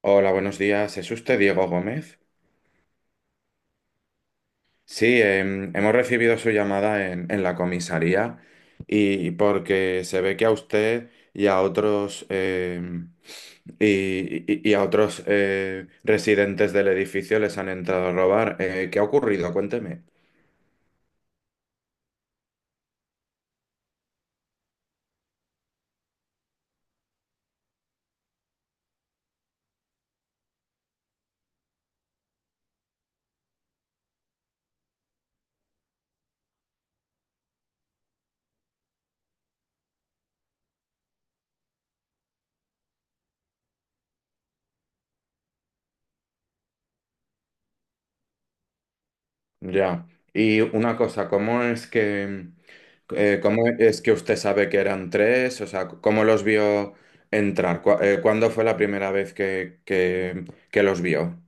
Hola, buenos días. ¿Es usted Diego Gómez? Sí, hemos recibido su llamada en la comisaría y porque se ve que a usted y a otros y, y a otros residentes del edificio les han entrado a robar. ¿Qué ha ocurrido? Cuénteme. Ya. Y una cosa, cómo es que usted sabe que eran tres? O sea, ¿cómo los vio entrar? ¿Cuándo fue la primera vez que los vio?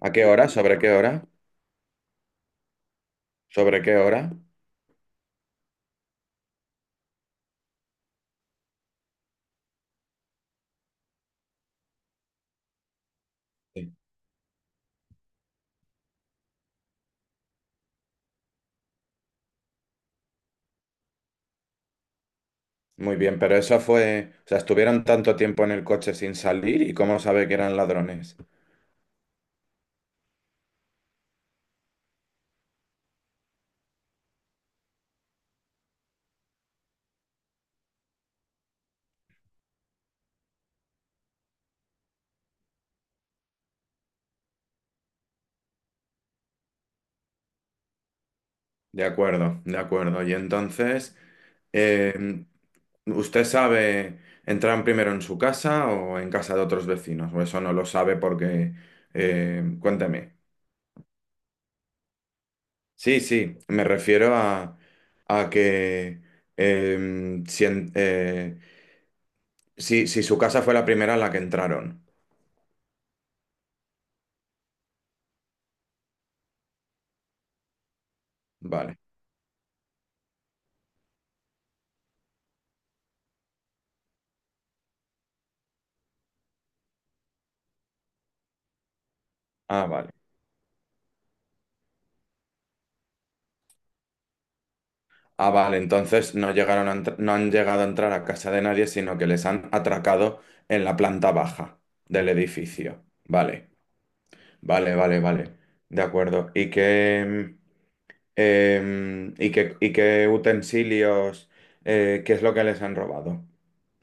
¿A qué hora? ¿Sobre qué hora? ¿Sobre qué hora? Muy bien, pero eso fue, o sea, estuvieron tanto tiempo en el coche sin salir y cómo sabe que eran ladrones. De acuerdo, de acuerdo. Y entonces, eh, ¿usted sabe, entraron primero en su casa o en casa de otros vecinos? O eso no lo sabe porque, cuénteme. Sí, sí, me refiero a que si, si su casa fue la primera a la que entraron. Vale. Ah, vale. Ah, vale, entonces no llegaron a no han llegado a entrar a casa de nadie, sino que les han atracado en la planta baja del edificio. Vale, vale, vale, vale. De acuerdo. ¿Y qué, y qué, y qué utensilios, qué es lo que les han robado?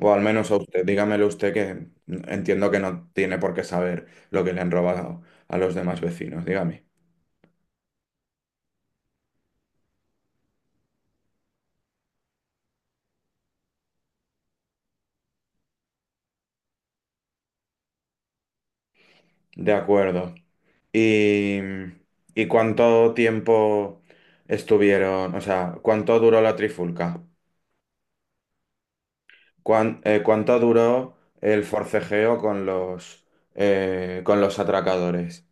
O al menos a usted, dígamelo usted que entiendo que no tiene por qué saber lo que le han robado a los demás vecinos. Dígame. De acuerdo. ¿Y, y cuánto tiempo estuvieron? O sea, ¿cuánto duró la trifulca? ¿Cuánto duró el forcejeo con los atracadores?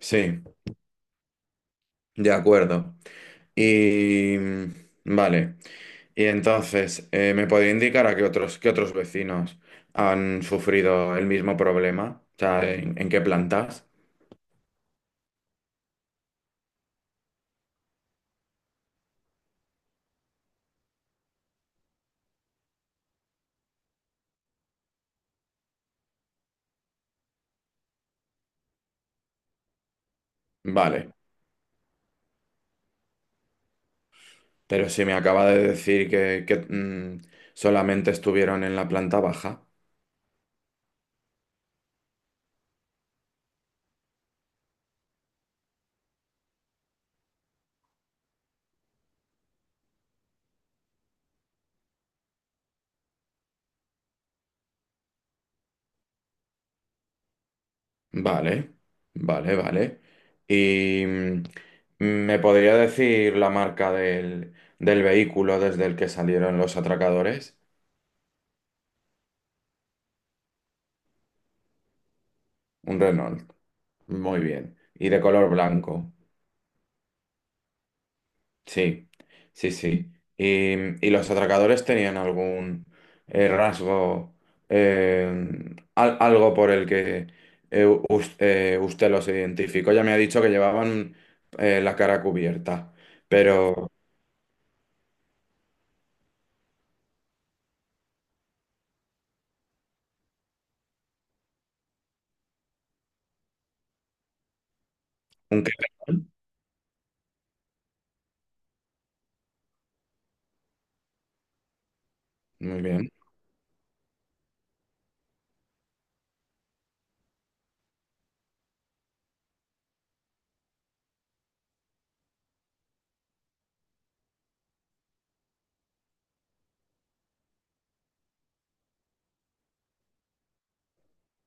Sí, de acuerdo. Y vale. Y entonces, ¿me podría indicar a qué otros vecinos han sufrido el mismo problema? O sea, ¿en qué plantas? Vale. Pero si me acaba de decir que, solamente estuvieron en la planta baja. Vale, vale, vale. ¿Y mm, me podría decir la marca del, del vehículo desde el que salieron los atracadores? Un Renault. Muy bien. Y de color blanco. Sí, sí, sí. Y, ¿y los atracadores tenían algún rasgo, algo por el que usted los identificó? Ya me ha dicho que llevaban la cara cubierta, pero un kepecón. Muy bien,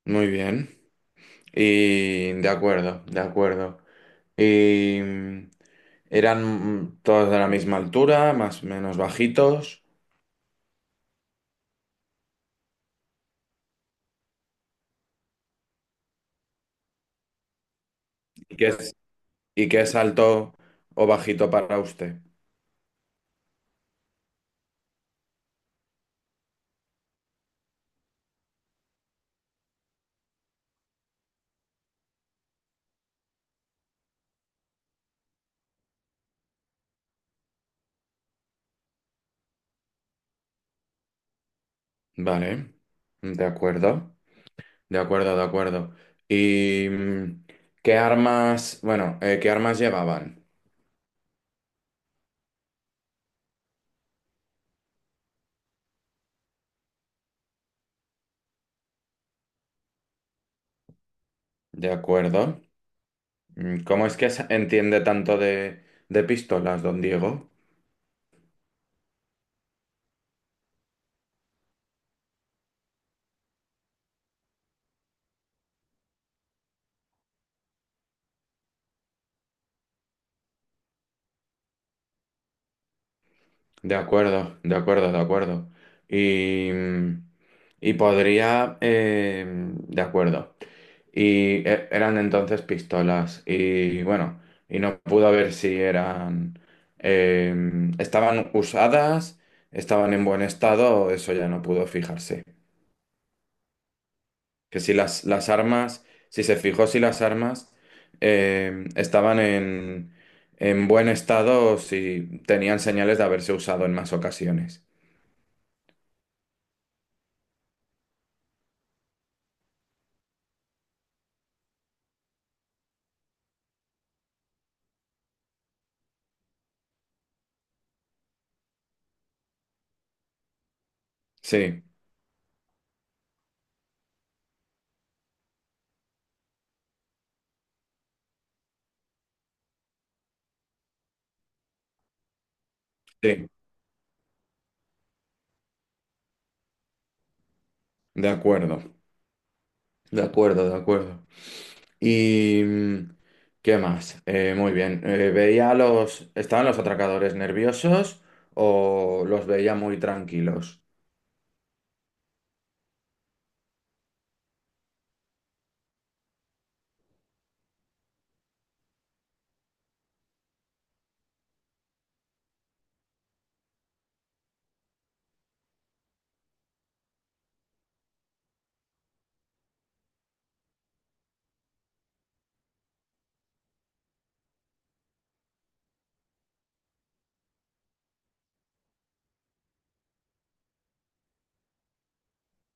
muy bien. Y de acuerdo, de acuerdo. Y mm, eran mm, todos de la misma altura, más o menos bajitos. ¿Y qué es, y qué es alto o bajito para usted? Vale, de acuerdo, de acuerdo, de acuerdo. ¿Y mm, qué armas, bueno, qué armas llevaban? De acuerdo. Mm, ¿cómo es que entiende tanto de pistolas, don Diego? De acuerdo, de acuerdo, de acuerdo. Y, mm, y podría, de acuerdo. Y eran entonces pistolas. Y bueno, y no pudo ver si eran... em, estaban usadas, estaban en buen estado, eso ya no pudo fijarse. Que si las, las armas, si se fijó si las armas em, estaban en buen estado, si tenían señales de haberse usado en más ocasiones. Sí, sí, de acuerdo, de acuerdo, de acuerdo. ¿Y mm, qué más? Muy bien. Veía a los... ¿Estaban los atracadores nerviosos o los veía muy tranquilos?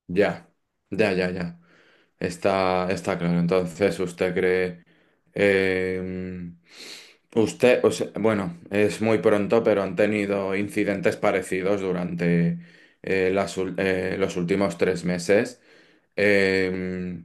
Ya, ya, ya, ya. Está, está claro. Entonces, ¿usted cree... eh, usted, o sea, bueno, es muy pronto, pero han tenido incidentes parecidos durante los últimos 3 meses. Eh,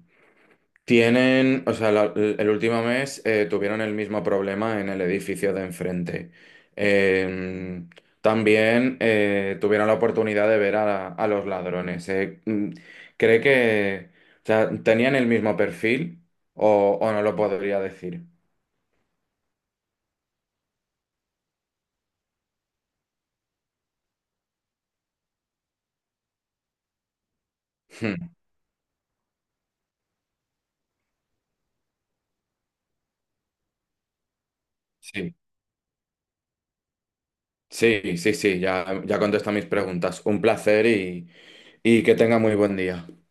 Tienen, o sea, el último mes tuvieron el mismo problema en el edificio de enfrente. Eh, también tuvieron la oportunidad de ver a los ladrones. Mm, cree que, o sea, tenían el mismo perfil o no lo podría decir. Hmm, sí, sí, sí, sí, ya, ya contesta mis preguntas. Un placer y que tenga muy buen día.